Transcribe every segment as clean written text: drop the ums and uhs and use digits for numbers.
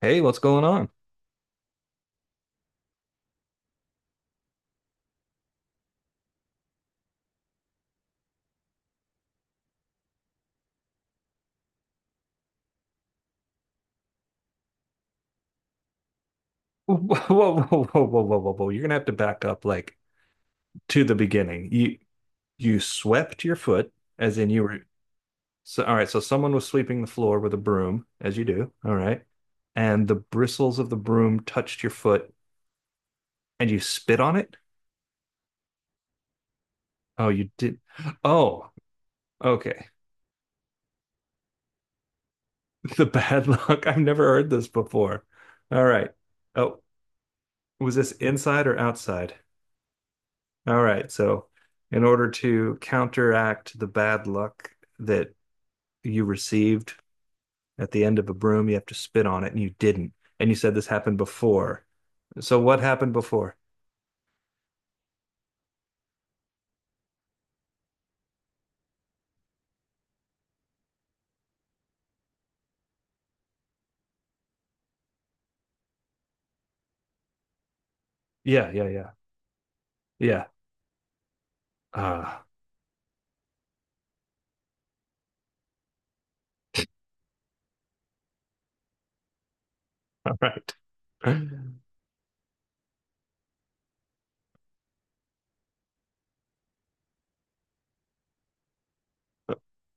Hey, what's going on? Whoa, whoa, whoa, whoa, whoa, whoa, whoa, whoa. You're gonna have to back up like to the beginning. You swept your foot, as in you were. So, all right, so someone was sweeping the floor with a broom, as you do, all right, and the bristles of the broom touched your foot and you spit on it? Oh, you did. Oh, okay. The bad luck. I've never heard this before. All right. Oh, was this inside or outside? All right. So, in order to counteract the bad luck that you received at the end of a broom, you have to spit on it, and you didn't. And you said this happened before. So, what happened before? Yeah, yeah, yeah, yeah. Ah, all right.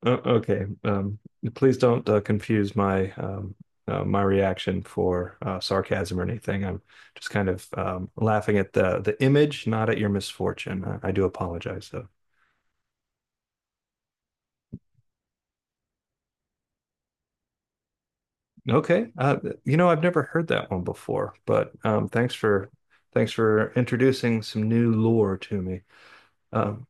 Okay. Please don't confuse my my reaction for sarcasm or anything. I'm just kind of laughing at the image, not at your misfortune. I do apologize, though. Okay. I've never heard that one before, but thanks for introducing some new lore to me. Um,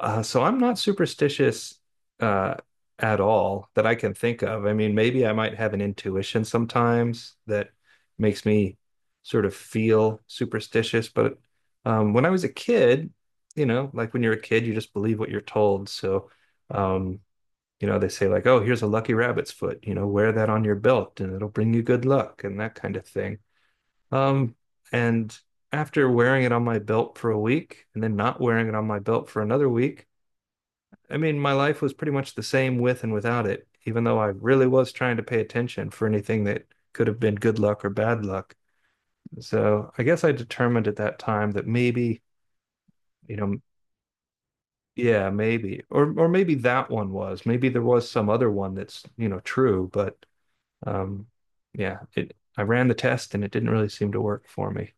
so I'm not superstitious uh, at all that I can think of. I mean, maybe I might have an intuition sometimes that makes me sort of feel superstitious, but when I was a kid, you know, like when you're a kid, you just believe what you're told. So um, you know they say, like, oh, here's a lucky rabbit's foot, you know, wear that on your belt, and it'll bring you good luck and that kind of thing. um and after wearing it on my belt for a week and then not wearing it on my belt for another week, I mean, my life was pretty much the same with and without it, even though I really was trying to pay attention for anything that could have been good luck or bad luck. So I guess I determined at that time that maybe, you know, yeah, maybe, or maybe that one was, maybe there was some other one that's, you know, true, but Um, yeah, it I ran the test and it didn't really seem to work for me.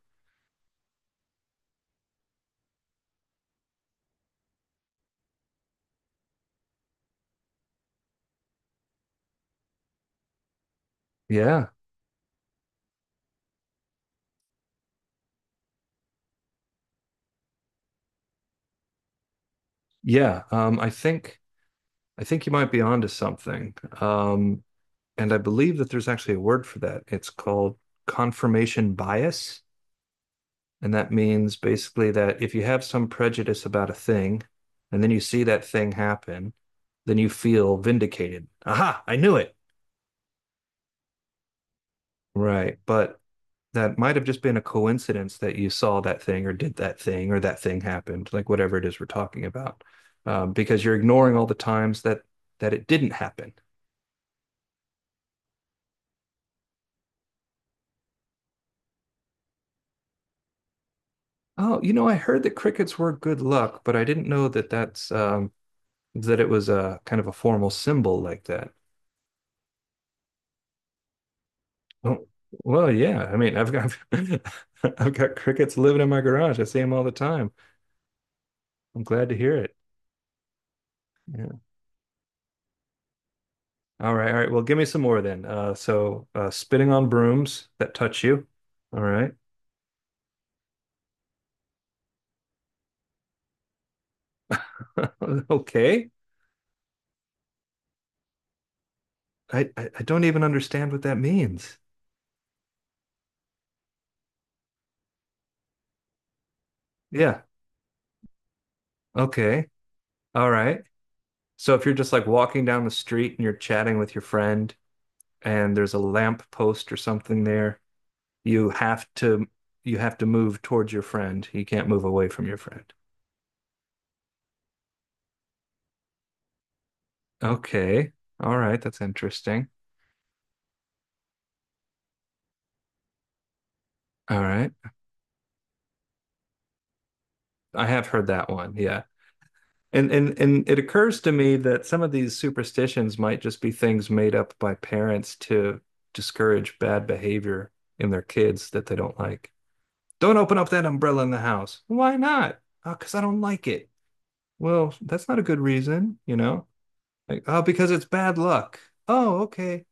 Yeah. Yeah. I think you might be onto something. Um, and I believe that there's actually a word for that. It's called confirmation bias. And that means basically that if you have some prejudice about a thing and then you see that thing happen, then you feel vindicated. Aha, I knew it. Right. But that might have just been a coincidence that you saw that thing or did that thing or that thing happened, like whatever it is we're talking about, because you're ignoring all the times that it didn't happen. Oh, you know, I heard that crickets were good luck, but I didn't know that that's that it was a kind of a formal symbol like that. Oh, well, yeah. I mean, I've got I've got crickets living in my garage. I see them all the time. I'm glad to hear it. Yeah. All right, all right. Well, give me some more then. Spitting on brooms that touch you. All right. Okay. I don't even understand what that means. Yeah. Okay. All right. So if you're just like walking down the street and you're chatting with your friend and there's a lamp post or something there, you have to you have to move towards your friend. You can't move away from your friend. Okay. All right. That's interesting. All right. I have heard that one. Yeah. And it occurs to me that some of these superstitions might just be things made up by parents to discourage bad behavior in their kids that they don't like. Don't open up that umbrella in the house. Why not? Oh, because I don't like it. Well, that's not a good reason, you know? Like, oh, because it's bad luck. Oh, okay.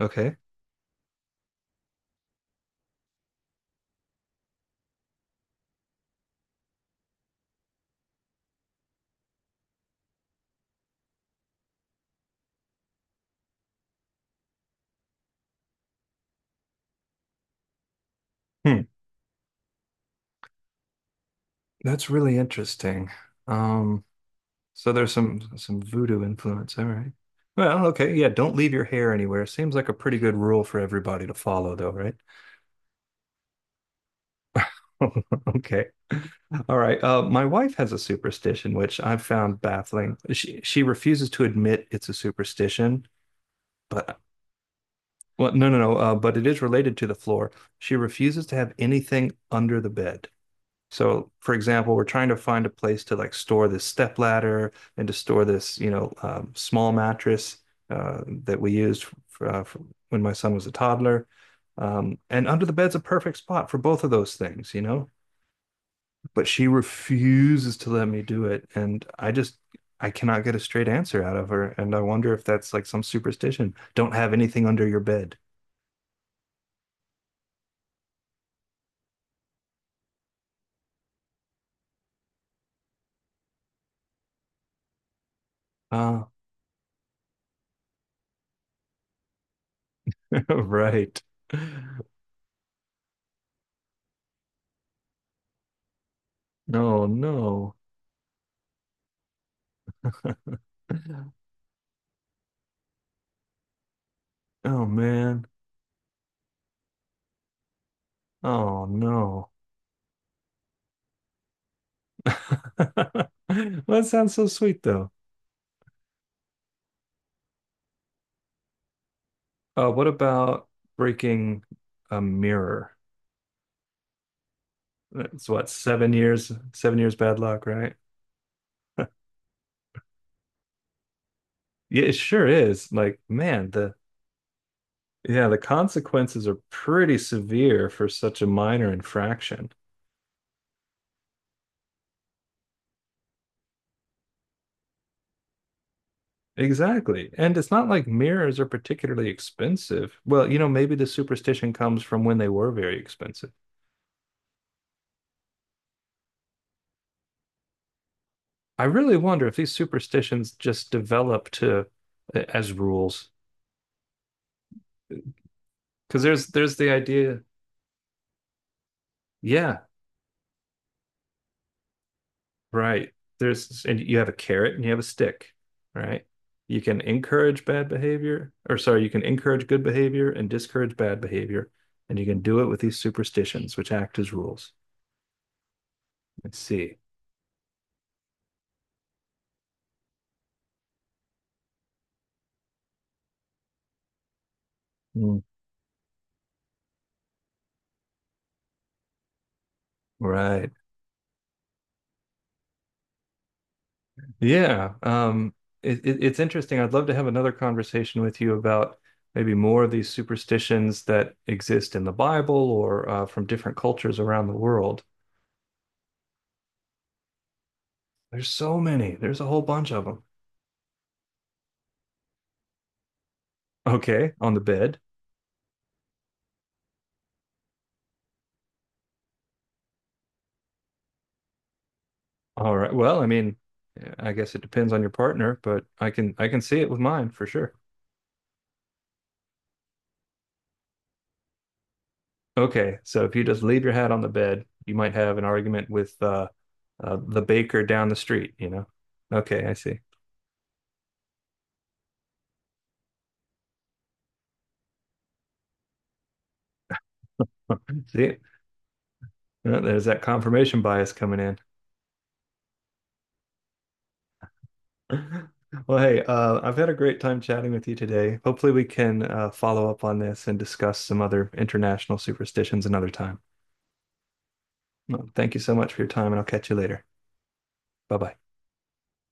Okay. Hmm. That's really interesting. Um, So there's some voodoo influence. All right. Well, okay. Yeah, don't leave your hair anywhere. Seems like a pretty good rule for everybody to follow, though, right? Okay. All right. My wife has a superstition, which I've found baffling. She refuses to admit it's a superstition, but, well, no, no, no. But it is related to the floor. She refuses to have anything under the bed. So, for example, we're trying to find a place to, like, store this step ladder and to store this, small mattress that we used for when my son was a toddler. And under the bed's a perfect spot for both of those things. But she refuses to let me do it, and I cannot get a straight answer out of her. And I wonder if that's like some superstition. Don't have anything under your bed. Ah, right. No, no. Oh, man. Oh, no. Well, that sounds so sweet though. What about breaking a mirror? That's what, seven years bad luck, right? Yeah, it sure is. Like, man, the yeah, the consequences are pretty severe for such a minor infraction. Exactly. And it's not like mirrors are particularly expensive. Well, maybe the superstition comes from when they were very expensive. I really wonder if these superstitions just develop to as rules. Because there's the idea, yeah, right. There's and you have a carrot and you have a stick, right? You can encourage bad behavior, or, sorry, you can encourage good behavior and discourage bad behavior, and you can do it with these superstitions, which act as rules. Let's see. Mm. Right. Yeah, it's interesting. I'd love to have another conversation with you about maybe more of these superstitions that exist in the Bible or from different cultures around the world. There's so many. There's a whole bunch of them. Okay, on the bed. All right. Well, I mean, I guess it depends on your partner, but I can see it with mine for sure. Okay, so if you just leave your hat on the bed, you might have an argument with the baker down the street, you know? Okay, I see. See, yeah, there's that confirmation bias coming in. Well, hey, I've had a great time chatting with you today. Hopefully, we can follow up on this and discuss some other international superstitions another time. Well, thank you so much for your time, and I'll catch you later. Bye bye.